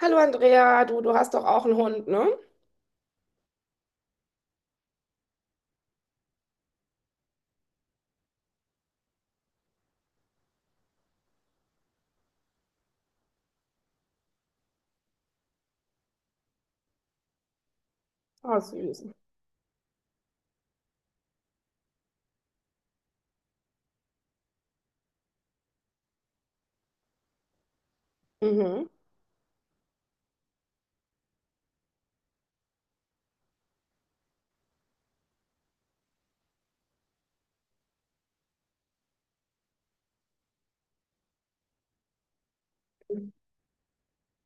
Hallo Andrea, du hast doch auch einen Hund, ne? Ah, süß. Mhm.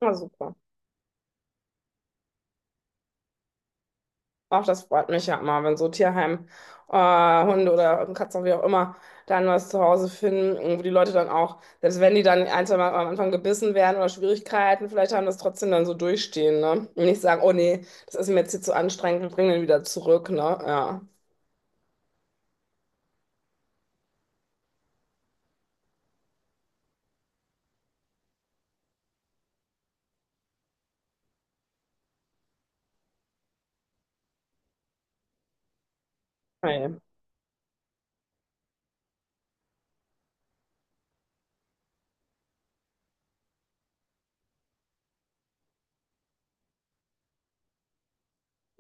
Ah, super. Auch das freut mich ja immer, wenn so Hunde oder Katzen, wie auch immer, dann was zu Hause finden, wo die Leute dann auch, selbst wenn die dann ein, zwei Mal am Anfang gebissen werden oder Schwierigkeiten vielleicht haben, das trotzdem dann so durchstehen, ne? Und nicht sagen, oh nee, das ist mir jetzt hier zu anstrengend, wir bringen den wieder zurück, ne? Ja. Oje.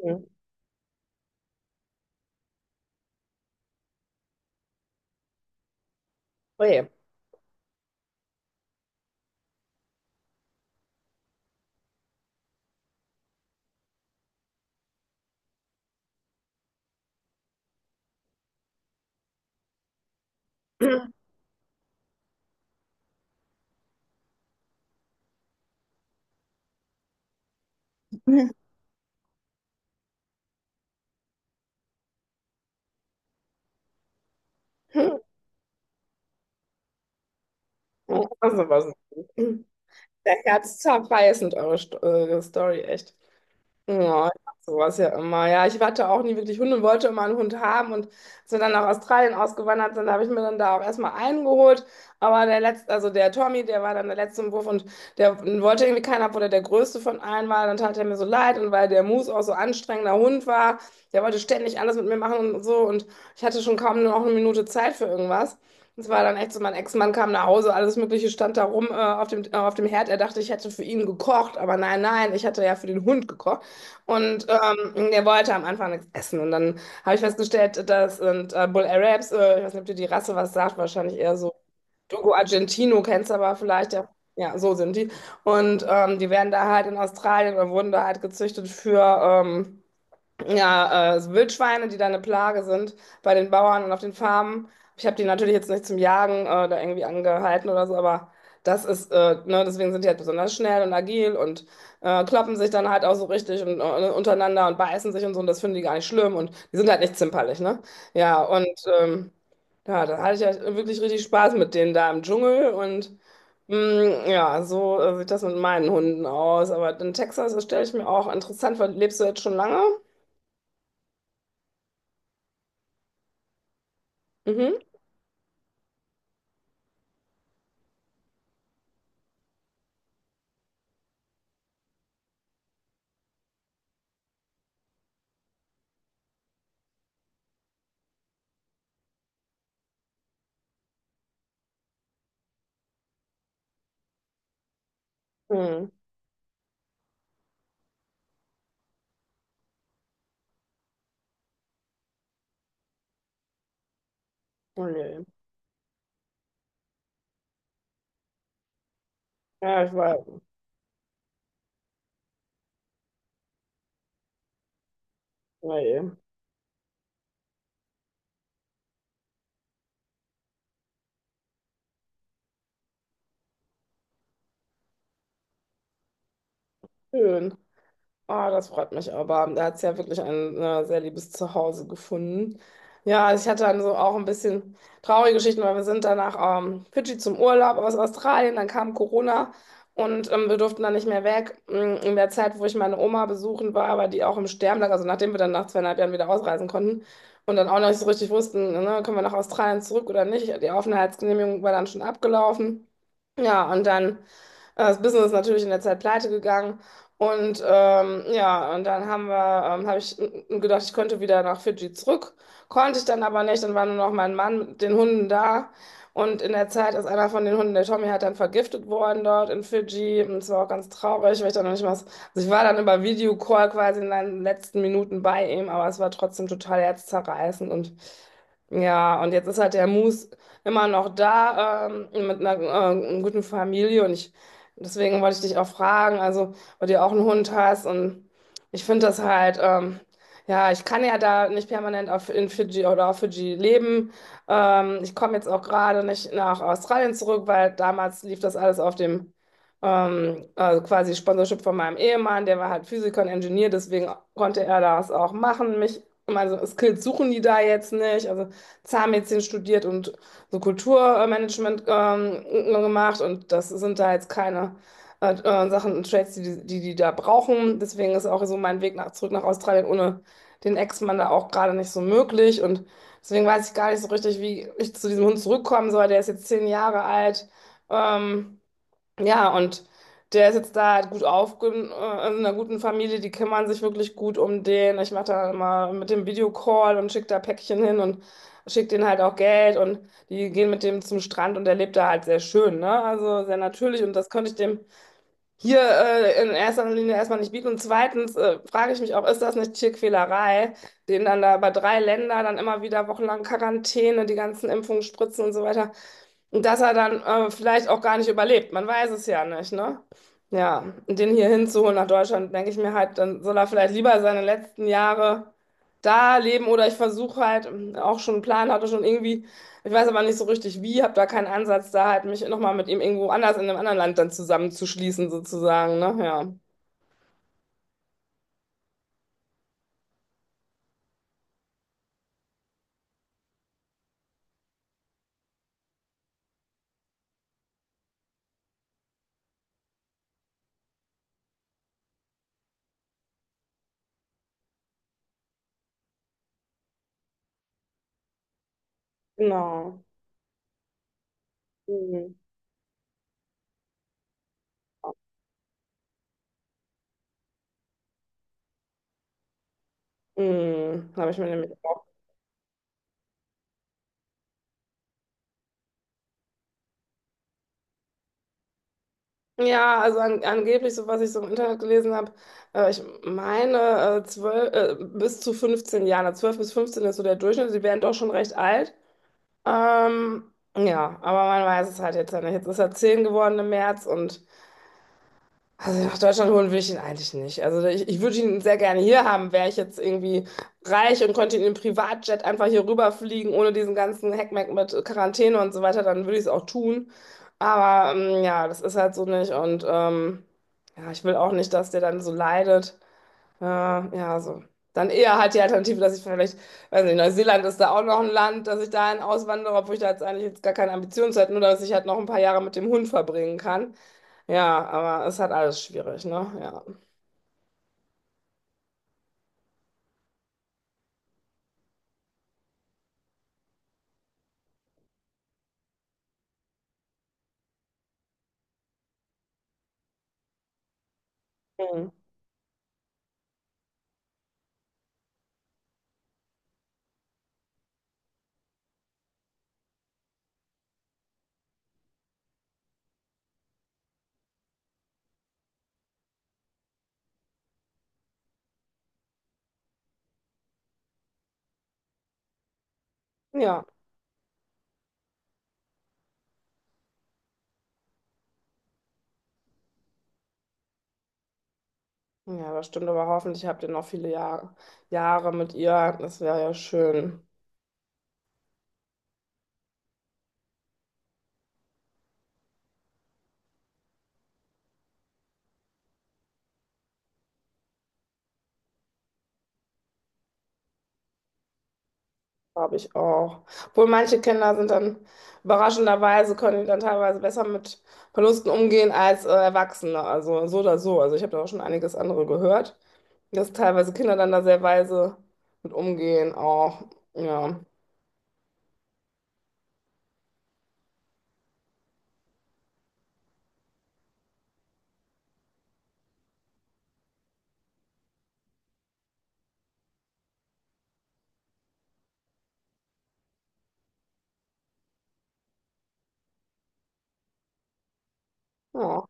Mhm. Oje. Also was. Der Herz zerreißend, eure Story, echt. Ja, ich mach sowas ja immer. Ja, ich hatte auch nie wirklich Hunde und wollte immer einen Hund haben. Und als wir dann nach Australien ausgewandert sind, habe ich mir dann da auch erstmal einen geholt. Aber der letzte, also der Tommy, der war dann der letzte im Wurf und der wollte irgendwie keinen, obwohl er der größte von allen war. Dann tat er mir so leid und weil der Moose auch so anstrengender Hund war, der wollte ständig alles mit mir machen und so. Und ich hatte schon kaum noch eine Minute Zeit für irgendwas. Es war dann echt so, mein Ex-Mann kam nach Hause, alles Mögliche stand da rum auf auf dem Herd. Er dachte, ich hätte für ihn gekocht, aber nein, nein, ich hatte ja für den Hund gekocht. Und der wollte am Anfang nichts essen. Und dann habe ich festgestellt, das sind Bull Arabs, ich weiß nicht, ob dir die Rasse was sagt, wahrscheinlich eher so Dogo Argentino, kennst du aber vielleicht, ja, ja, so sind die. Und die werden da halt in Australien oder wurden da halt gezüchtet für, ja, so Wildschweine, die da eine Plage sind bei den Bauern und auf den Farmen. Ich habe die natürlich jetzt nicht zum Jagen da irgendwie angehalten oder so, aber das ist, ne, deswegen sind die halt besonders schnell und agil und kloppen sich dann halt auch so richtig und, ne, untereinander und beißen sich und so und das finden die gar nicht schlimm und die sind halt nicht zimperlich, ne? Ja, und ähm, ja, da hatte ich ja wirklich richtig Spaß mit denen da im Dschungel und ja, so sieht das mit meinen Hunden aus. Aber in Texas, das stelle ich mir auch interessant vor. Lebst du jetzt schon lange? Mhm. Hm. Oh je. Ja, ich weiß. Oh je. Schön. Ah, das freut mich aber. Da hat es ja wirklich ein sehr liebes Zuhause gefunden. Ja, also ich hatte dann so auch ein bisschen traurige Geschichten, weil wir sind dann nach Fidschi zum Urlaub aus Australien, dann kam Corona und wir durften dann nicht mehr weg. In der Zeit, wo ich meine Oma besuchen war, aber die auch im Sterben lag, also nachdem wir dann nach 2,5 Jahren wieder ausreisen konnten und dann auch noch nicht so richtig wussten, ne, können wir nach Australien zurück oder nicht. Die Aufenthaltsgenehmigung war dann schon abgelaufen. Ja, und dann das Business ist natürlich in der Zeit pleite gegangen. Und ja, und dann habe ich gedacht, ich könnte wieder nach Fidschi zurück. Konnte ich dann aber nicht. Dann war nur noch mein Mann mit den Hunden da. Und in der Zeit ist einer von den Hunden, der Tommy, halt dann vergiftet worden dort in Fidschi. Und es war auch ganz traurig, weil ich dann noch nicht mal. Also ich war dann über Videocall quasi in den letzten Minuten bei ihm, aber es war trotzdem total herzzerreißend. Und ja, und jetzt ist halt der Moose immer noch da, mit einer guten Familie und ich, deswegen wollte ich dich auch fragen, also, weil du ja auch einen Hund hast und ich finde das halt, ja, ich kann ja da nicht permanent in Fidschi oder auf Fidschi leben. Ich komme jetzt auch gerade nicht nach Australien zurück, weil damals lief das alles auf dem, also quasi Sponsorship von meinem Ehemann, der war halt Physiker und Ingenieur, deswegen konnte er das auch machen, mich, also Skills suchen die da jetzt nicht, also Zahnmedizin studiert und so Kulturmanagement gemacht und das sind da jetzt keine Sachen und Trades, die die da brauchen. Deswegen ist auch so mein Weg zurück nach Australien ohne den Ex-Mann da auch gerade nicht so möglich und deswegen weiß ich gar nicht so richtig, wie ich zu diesem Hund zurückkommen soll. Der ist jetzt 10 Jahre alt. Ähm, ja, und der ist jetzt da halt gut aufge in einer guten Familie, die kümmern sich wirklich gut um den. Ich mache da immer mit dem Videocall und schicke da Päckchen hin und schicke denen halt auch Geld und die gehen mit dem zum Strand und der lebt da halt sehr schön, ne? Also sehr natürlich und das könnte ich dem hier in erster Linie erstmal nicht bieten. Und zweitens frage ich mich auch, ist das nicht Tierquälerei, den dann da über drei Länder dann immer wieder wochenlang Quarantäne, die ganzen Impfungen, Spritzen und so weiter. Und dass er dann vielleicht auch gar nicht überlebt. Man weiß es ja nicht, ne? Ja, und den hier hinzuholen nach Deutschland, denke ich mir halt, dann soll er vielleicht lieber seine letzten Jahre da leben oder ich versuche halt, auch schon einen Plan hatte, schon irgendwie, ich weiß aber nicht so richtig wie, habe da keinen Ansatz, da halt mich nochmal mit ihm irgendwo anders in einem anderen Land dann zusammenzuschließen, sozusagen, ne? Ja, genau. Mhm. Mhm. Habe ich mir nämlich. Ja, also angeblich, so was ich so im Internet gelesen habe, ich meine 12, bis zu 15 Jahren, also 12 bis 15 ist so der Durchschnitt, die werden doch schon recht alt. Ähm, ja, aber man weiß es halt jetzt ja nicht. Jetzt ist er 10 geworden im März und also nach Deutschland holen will ich ihn eigentlich nicht. Also ich würde ihn sehr gerne hier haben, wäre ich jetzt irgendwie reich und könnte in einem Privatjet einfach hier rüberfliegen, ohne diesen ganzen Heckmeck mit Quarantäne und so weiter, dann würde ich es auch tun. Aber ja, das ist halt so nicht und ja, ich will auch nicht, dass der dann so leidet. Ja, so. Dann eher halt die Alternative, dass ich vielleicht, weiß nicht, Neuseeland ist da auch noch ein Land, dass ich dahin auswandere, obwohl ich da jetzt eigentlich jetzt gar keine Ambitionen zu hätte, nur dass ich halt noch ein paar Jahre mit dem Hund verbringen kann. Ja, aber es ist halt alles schwierig, ne? Ja. Mhm. Ja. Ja, das stimmt, aber hoffentlich habt ihr noch viele Jahre mit ihr. Das wäre ja schön, glaube ich auch. Obwohl manche Kinder sind dann überraschenderweise, können die dann teilweise besser mit Verlusten umgehen als Erwachsene. Also so oder so. Also ich habe da auch schon einiges andere gehört, dass teilweise Kinder dann da sehr weise mit umgehen auch. Ja. Ja.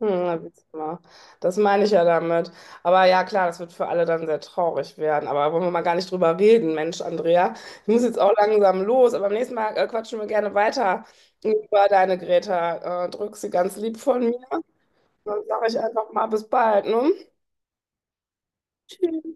Hm, da wird's immer. Das meine ich ja damit. Aber ja, klar, das wird für alle dann sehr traurig werden. Aber wollen wir mal gar nicht drüber reden, Mensch, Andrea. Ich muss jetzt auch langsam los, aber beim nächsten Mal quatschen wir gerne weiter über deine Greta. Drück sie ganz lieb von mir. Dann sage ich einfach mal bis bald, ne? Tschüss.